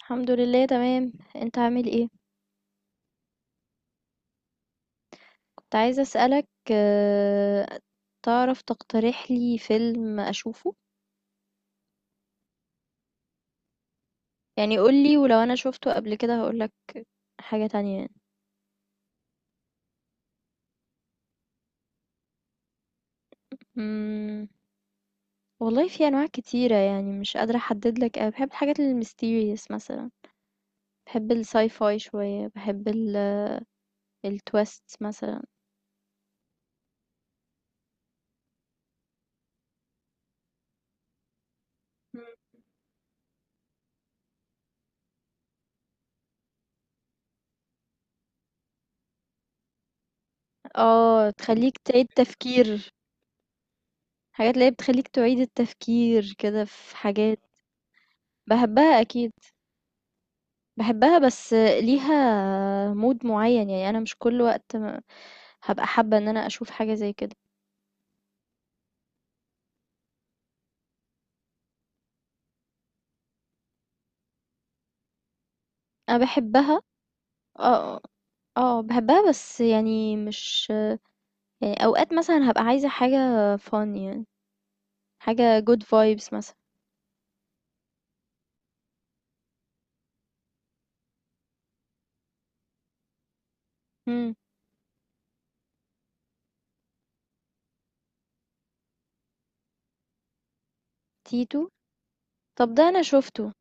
الحمد لله تمام. انت عامل ايه؟ كنت عايزة اسألك، تعرف تقترح لي فيلم اشوفه؟ يعني قولي، ولو انا شوفته قبل كده هقولك حاجة تانية يعني. مم، والله في انواع كتيرة، يعني مش قادرة احدد لك أوي. بحب الحاجات الميستيريس مثلا. بحب الساي فاي شوية، بحب التويست مثلا. مم. اه، تخليك تعيد تفكير. حاجات اللي هي بتخليك تعيد التفكير كده في حاجات. بحبها اكيد. باحبها بس ليها mood معيّن، يعني أنا مش كل وقت هابقى حابة إن أنا أشوف حاجة زي كده. أنا باحبها، آه، باحبها بس يعني مش. يعني أوقات مثلًا هابقى عايزة حاجة fun يعني، حاجة good vibes مثلًا. إمم، تيتو؟ طَب ده أنا شُفته.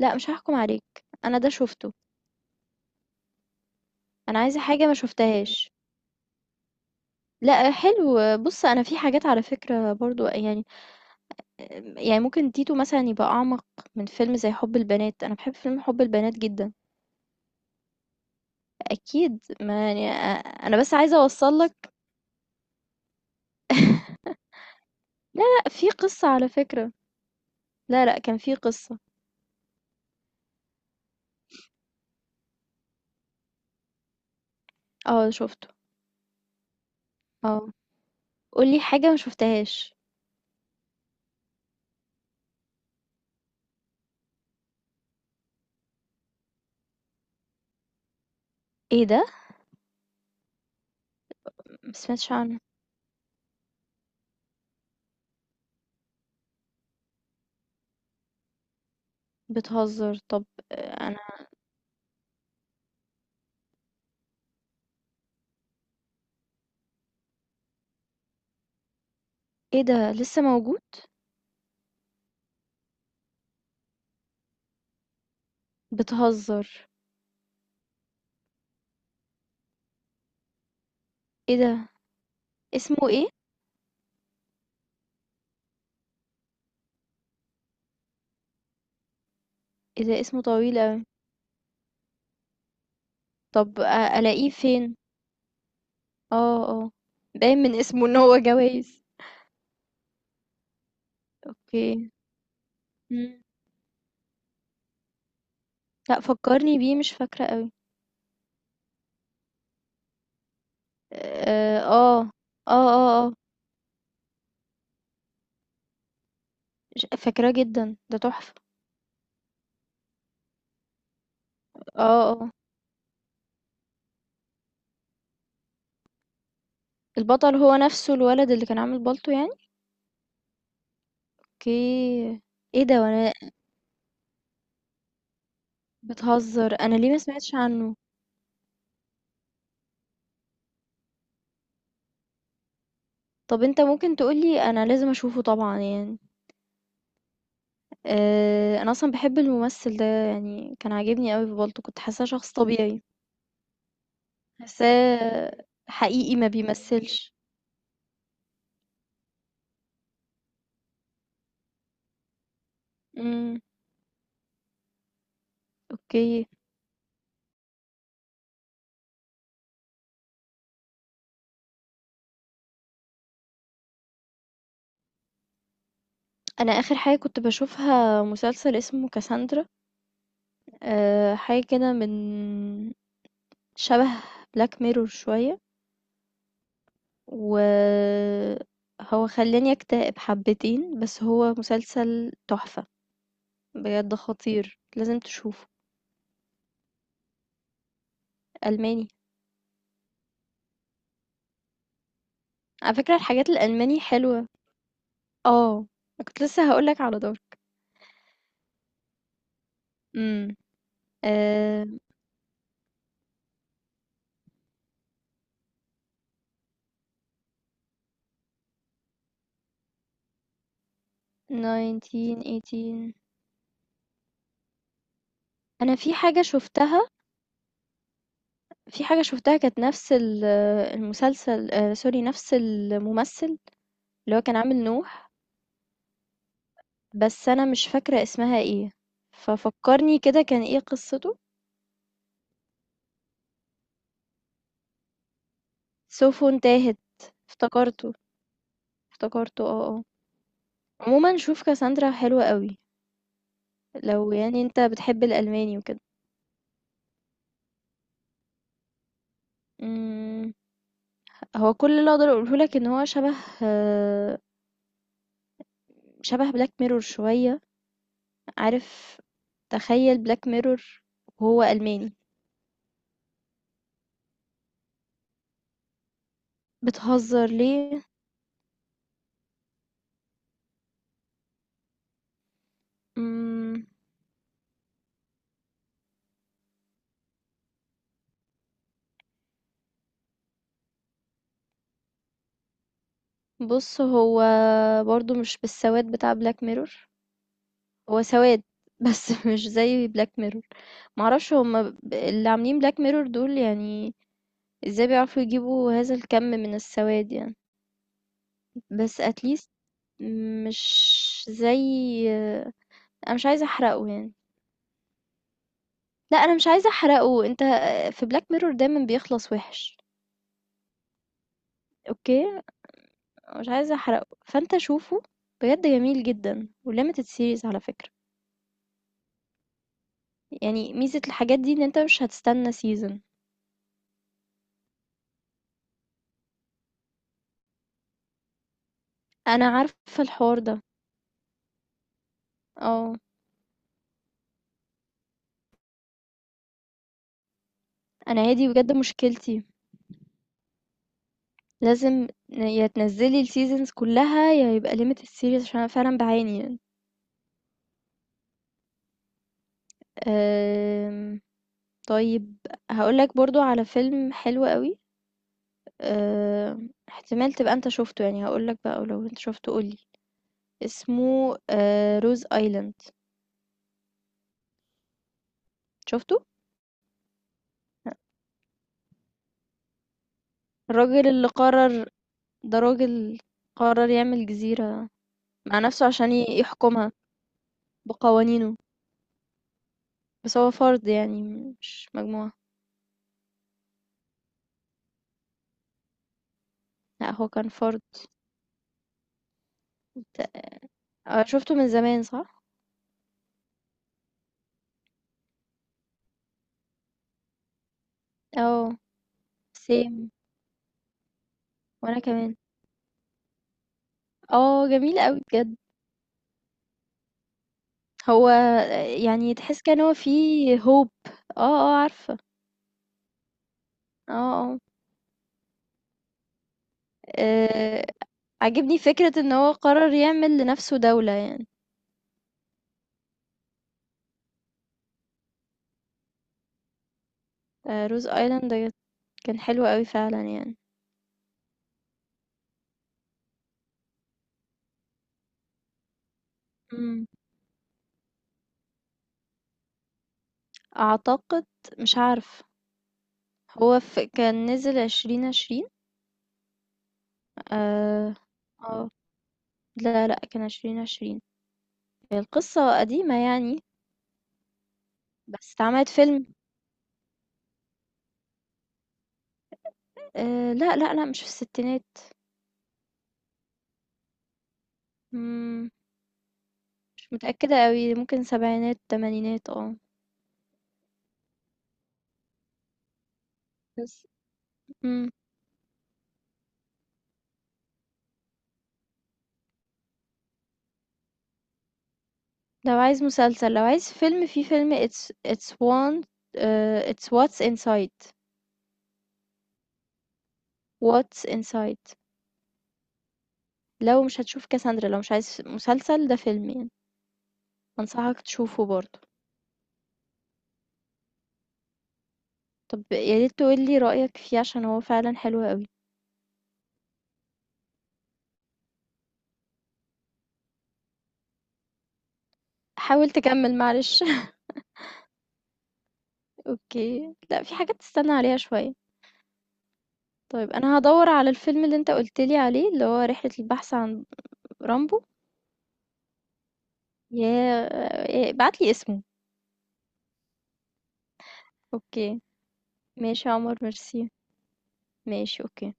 لأ، مش هاحكم عليك، أنا ده شُفته، أنا عايزة حاجة ما شُفتهاش. لأ، حلو، بُص أنا في حاجات على فكرة برضه يعني ممكن تيتو مثلًا يبقى أعمق من فيلم زي حُب البنات. أنا باحب فيلم حُب البنات جدًا، أكيد ما يعني أنا بس عايزة أوصّل لك. لا، لأ، في قصة على فكرة. لا، لأ، كان في قصة. آه شُفته، آه، قُل لي حاجة ما شُفتهاش. إيه ده؟ ما سمعتش عنه. بتهزر، طب. أنا. إيه ده لسه موجود؟ بتهزر. إيه ده. اسمه إيه؟ إيه ده اسمه طويل أوي. طب ألاقيه فين؟ آه، آه، باين من اسمه إن هو جوايز. أوكي. إمم. لأ، فكّرني بيه مش فاكرة أوي. آه. آه، آه، آه. فاكراه جدًا، ده تحفة. آه، آه. البطل هو نَفْسه الولد اللي كان عامل بالطو يعني؟ أوكي. إيه ده، وأنا بتهزر! أنا ليه ما سمعتش عنّه؟ طَب أنت ممكن تقول لي أنا لازم أشوفه طبعًا يعني. أنا أصلًا باحب الممثل ده، يعني كان عاجبني أوي في بالطو، كنت حاسّاه شخص طبيعي. حاسّاه حقيقي ما بيمثّلش. إمم. أوكي. أنا آخر حاجة كنت باشوفها مسلسل اسمه كاساندرا. حاجة كده من، شبه بلاك ميرور شوية، وهو خلّاني أكتئب حبتين، بس هو مسلسل تحفة، بجد خطير، لازم تشوفه. ألماني. على فكرة الحاجات الألماني حلوة. آه، كنت لسه هاقول لك على دارك. إمم، آآ 1918. أنا في حاجة شُفتها في حاجة شُفتها كانت نفس المسلسل sorry، نفس الممثل، اللي هو كان عامل نوح، بس أنا مش فاكرة اسمها إيه، ففكّرني كده كان إيه قصّته؟ سيفه انتهت. افتكرته، افتكرته، آه، آه. عمومًا شوف كاساندرا حلوة أوي، لو يعني أنت بتحب الألماني وكده. إمم، هو كل اللي أقدر أقوله لك إن هو آه، شبه black mirror شوية، عارف، تخيّل black mirror وهو ألماني. بتهزر ليه؟ إمم. بص، هو برضو مش بالسواد بتاع بلاك ميرور. هو سواد بس مش زي بلاك ميرور. معرفش، هما اللي عاملين بلاك ميرور دول يعني ازاي بيعرفوا يجيبوا هذا الكم من السواد يعني. بس اتليست مش زي. انا مش عايزه احرقه يعني. لا، انا مش عايزه احرقه، انت. في بلاك ميرور دايما بيخلص وحش. اوكي. مش عايزه احرقه فانت شوفه. بجد جميل جدا وليميتد سيريز على فكره. يعني ميزة الحاجات دي ان انت مش هتستنى سيزون. انا عارفة الحوار ده. اه. انا هي دي بجد مشكلتي. لازم يا تنزلي السيزونز كلها، يا يبقى ليميت السيريز، عشان انا فعلا بعاني. أم... طيب. هقولك برضو على فيلم حلو قوي. احتمال تبقى انت شفته يعني، هقولك بقى ولو انت شفته قولي. اسمه روز ايلاند. شفته. الراجل اللي قرر، ده راجل قرر يعمل جزيرة مع نفسه عشان يحكمها بقوانينه، بس هو فرد يعني، مش مجموعة. لأ، هو كان فرد. ت آه شُفته من زمان، صح؟ آه. same، وأنا كمان. آه، جميل أوي بجد. هو، يعني تحس كده إن هو فيه hope. آه، آه، عارفة. آه، آه. آآ عاجبني فكرة إن هو قرر يعمل لنَفْسه دولة يعني. Rose island كان حلو أوي فعلًا يعني. إمم. أعتقد، مش عارفة. هو ف كان نزل 2020. آه. آه. لا، لأ، كان 2020. القصة قديمة يعني، بس اتعملت فيلم. لأ، لأ، لأ، مش في الستينات. إمم، مش متأكدة أوي، ممكن سبعينات، تمانينات، بس. إمم، لو عايز مسلسل، لو عايز فيلم، في فيلم It's one. It's What's Inside. What's Inside. لو مش هتشوف كاساندرا، لو مش عايز مسلسل، ده فيلم يعني، أنصحك تشوفه برضه. طب يا ريت تقول لي رأيك فيه عشان هو فعلًا حلو أوي. حاول تكمّل معلش. اوكي، لا في حاجات تستنى عليها شوية. طيب انا هدور على الفيلم اللي انت قلتلي عليه، اللي هو رحلة البحث عن رامبو. يا، إيه، بعتلي اسمه. اوكي. ماشي يا عمر، ميرسي. ماشي اوكي.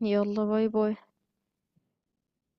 يلا، باي باي.